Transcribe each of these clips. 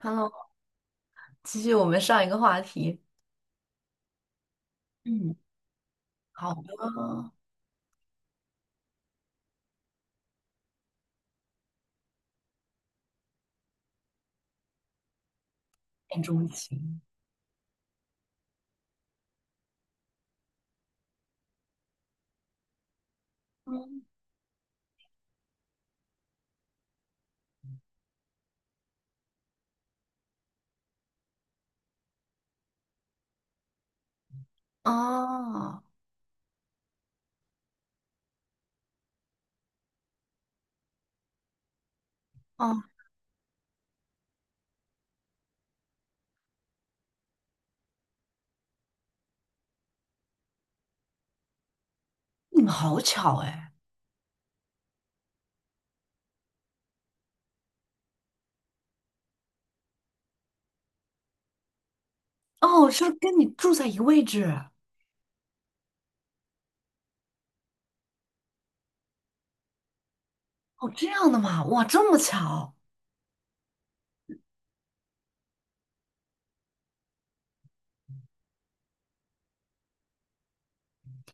Hello，继续我们上一个话题，嗯，好的。恋钟情。嗯。哦。哦。你们好巧哎！哦，是跟你住在一个位置。哦，这样的嘛？哇，这么巧！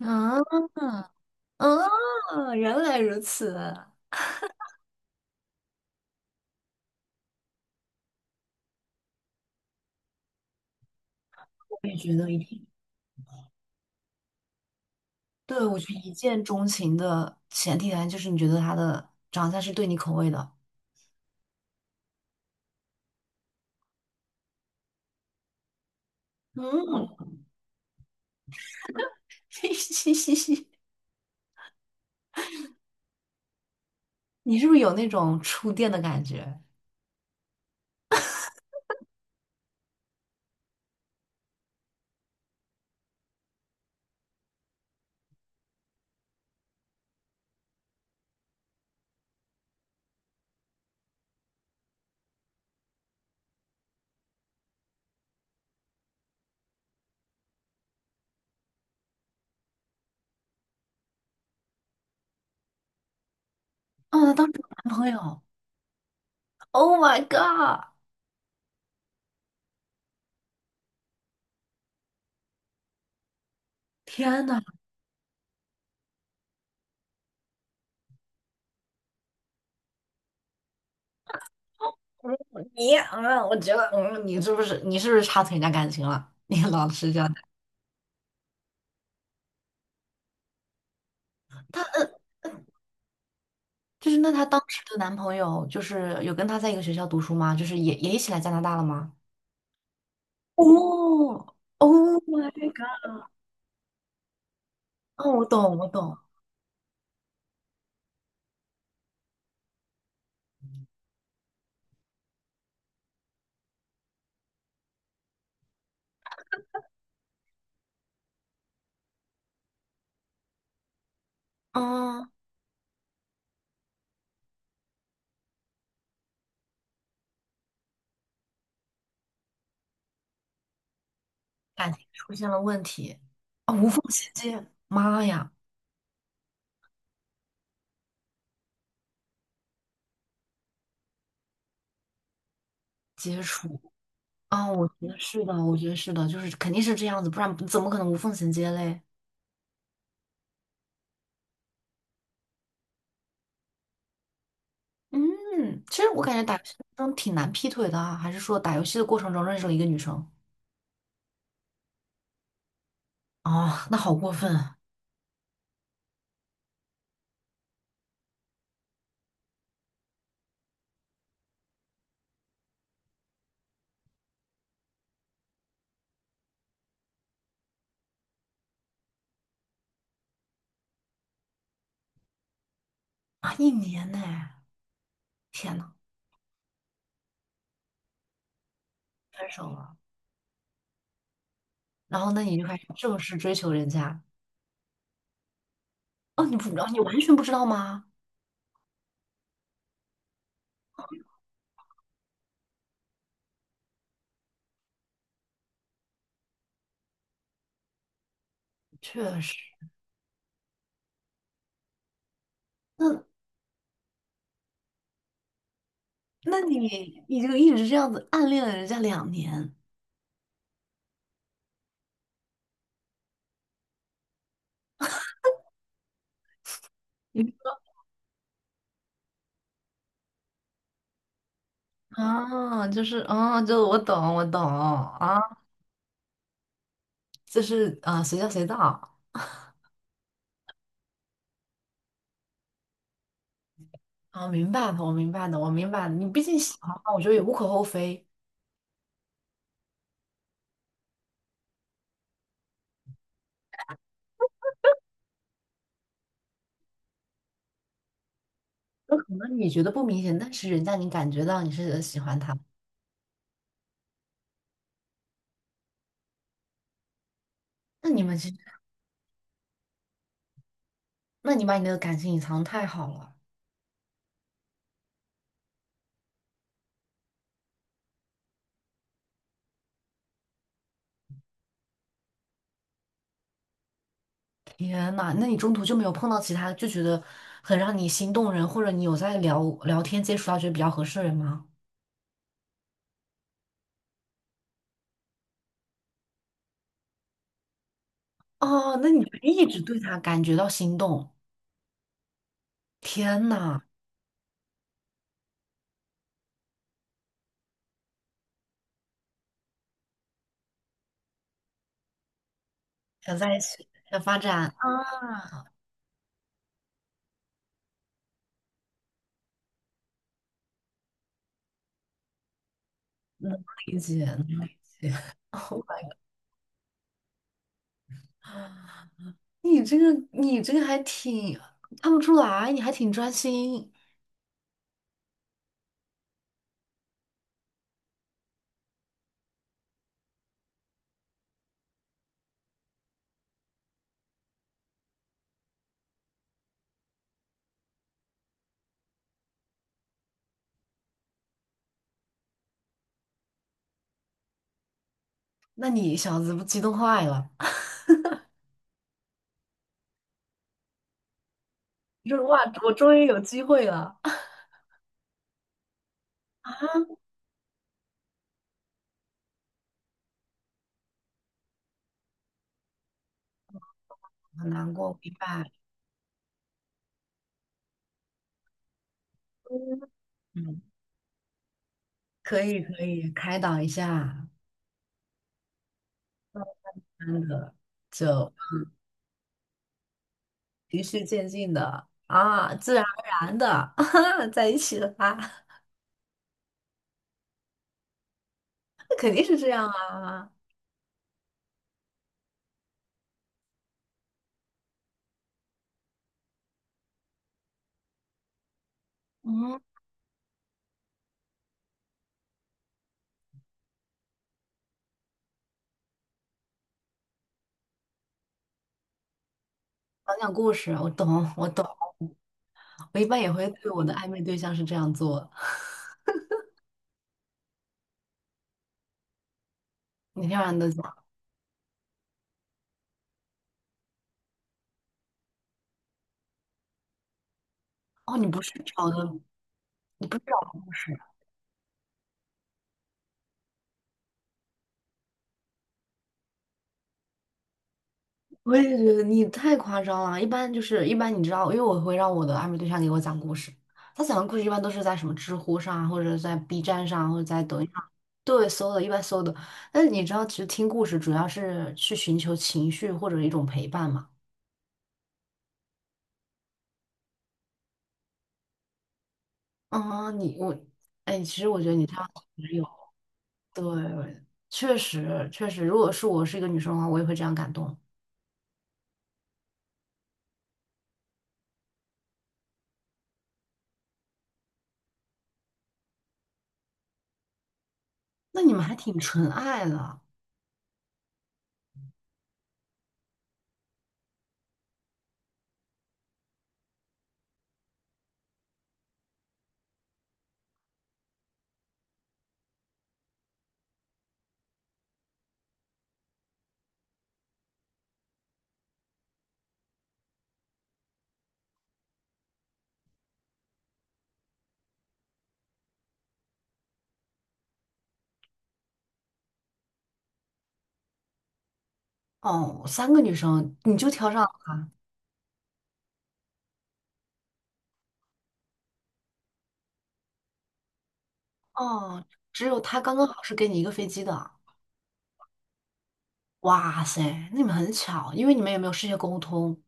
嗯。嗯，原来如此！我也觉得一定，对，我觉得一见钟情的前提条件就是你觉得他的长相是对你口味的。嗯。嘻嘻嘻嘻，你是不是有那种触电的感觉？哦，那当时有男朋友。Oh my god！天呐，你我觉得你是不是插错人家感情了？你老是这样的。就是那她当时的男朋友，就是有跟她在一个学校读书吗？就是也一起来加拿大了吗？哦，Oh my god！哦，我懂，我懂。嗯，感情出现了问题。啊、无缝衔接，妈呀。接触。啊、我觉得是的，我觉得是的，就是肯定是这样子，不然怎么可能无缝衔接嘞？嗯，其实我感觉打游戏中挺难劈腿的啊，还是说打游戏的过程中认识了一个女生？哦，那好过分啊！啊，一年呢。天呐。分手了。然后那你就开始正式追求人家？哦，你不知道，你完全不知道吗？确实。那那你就一直这样子暗恋了人家2年。你不知道啊。就是啊，就我懂，我懂啊。就是啊，随叫随到。啊，明白的，我明白的，我明白的，你毕竟喜欢嘛，我觉得也无可厚非。有可能你觉得不明显，但是人家你感觉到你是喜欢他。那你们其实，那你把你那个感情隐藏太好了。天呐，那你中途就没有碰到其他就觉得很让你心动人，或者你有在聊聊天接触到觉得比较合适的人吗？哦，那你就一直对他感觉到心动。天呐。想在一起，想发展啊。能理解，能理解。Oh my god。你这个还挺看不出来，你还挺专心。那你小子不激动坏了。 你说哇，我终于有机会了。啊？很难过，明白。嗯。嗯，可以可以，开导一下。真的。就循序渐进的啊，自然而然的 在一起了啊。那肯定是这样啊。嗯，讲讲故事，我懂，我懂。我一般也会对我的暧昧对象是这样做。每天晚上都讲。哦，你不是找的。你不是找故事。我也觉得你太夸张了。一般就是一般，你知道，因为我会让我的暧昧对象给我讲故事。他讲的故事一般都是在什么知乎上，或者在 B 站上，或者在抖音上。对，搜的，一般搜的。但是你知道，其实听故事主要是去寻求情绪或者一种陪伴嘛。啊，你我。哎，其实我觉得你这样挺有。对，确实确实，如果是我是一个女生的话，我也会这样感动。那你们还挺纯爱的。哦，3个女生你就挑上。哦，只有他刚刚好是给你一个飞机的。哇塞，那你们很巧，因为你们也没有事先沟通。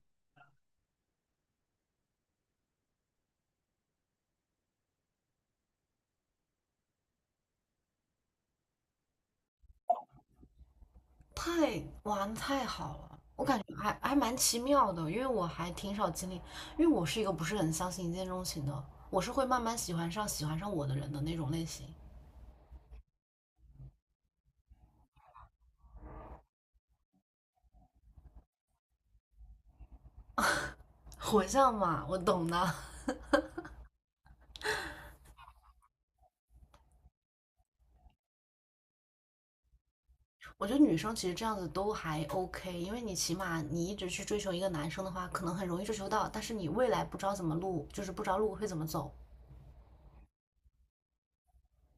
太，哇，那太好了，我感觉还蛮奇妙的，因为我还挺少经历。因为我是一个不是很相信一见钟情的，我是会慢慢喜欢上我的人的那种类型。火象嘛，我懂的。我觉得女生其实这样子都还 OK，因为你起码你一直去追求一个男生的话，可能很容易追求到，但是你未来不知道怎么路，就是不知道路会怎么走。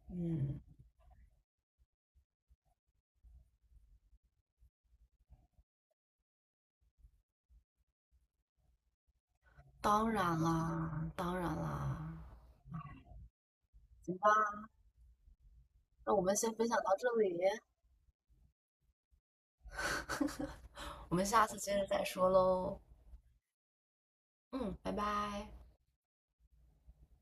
嗯，当然啦，当然啦。那我们先分享到这里，我们下次接着再说喽。嗯，拜拜。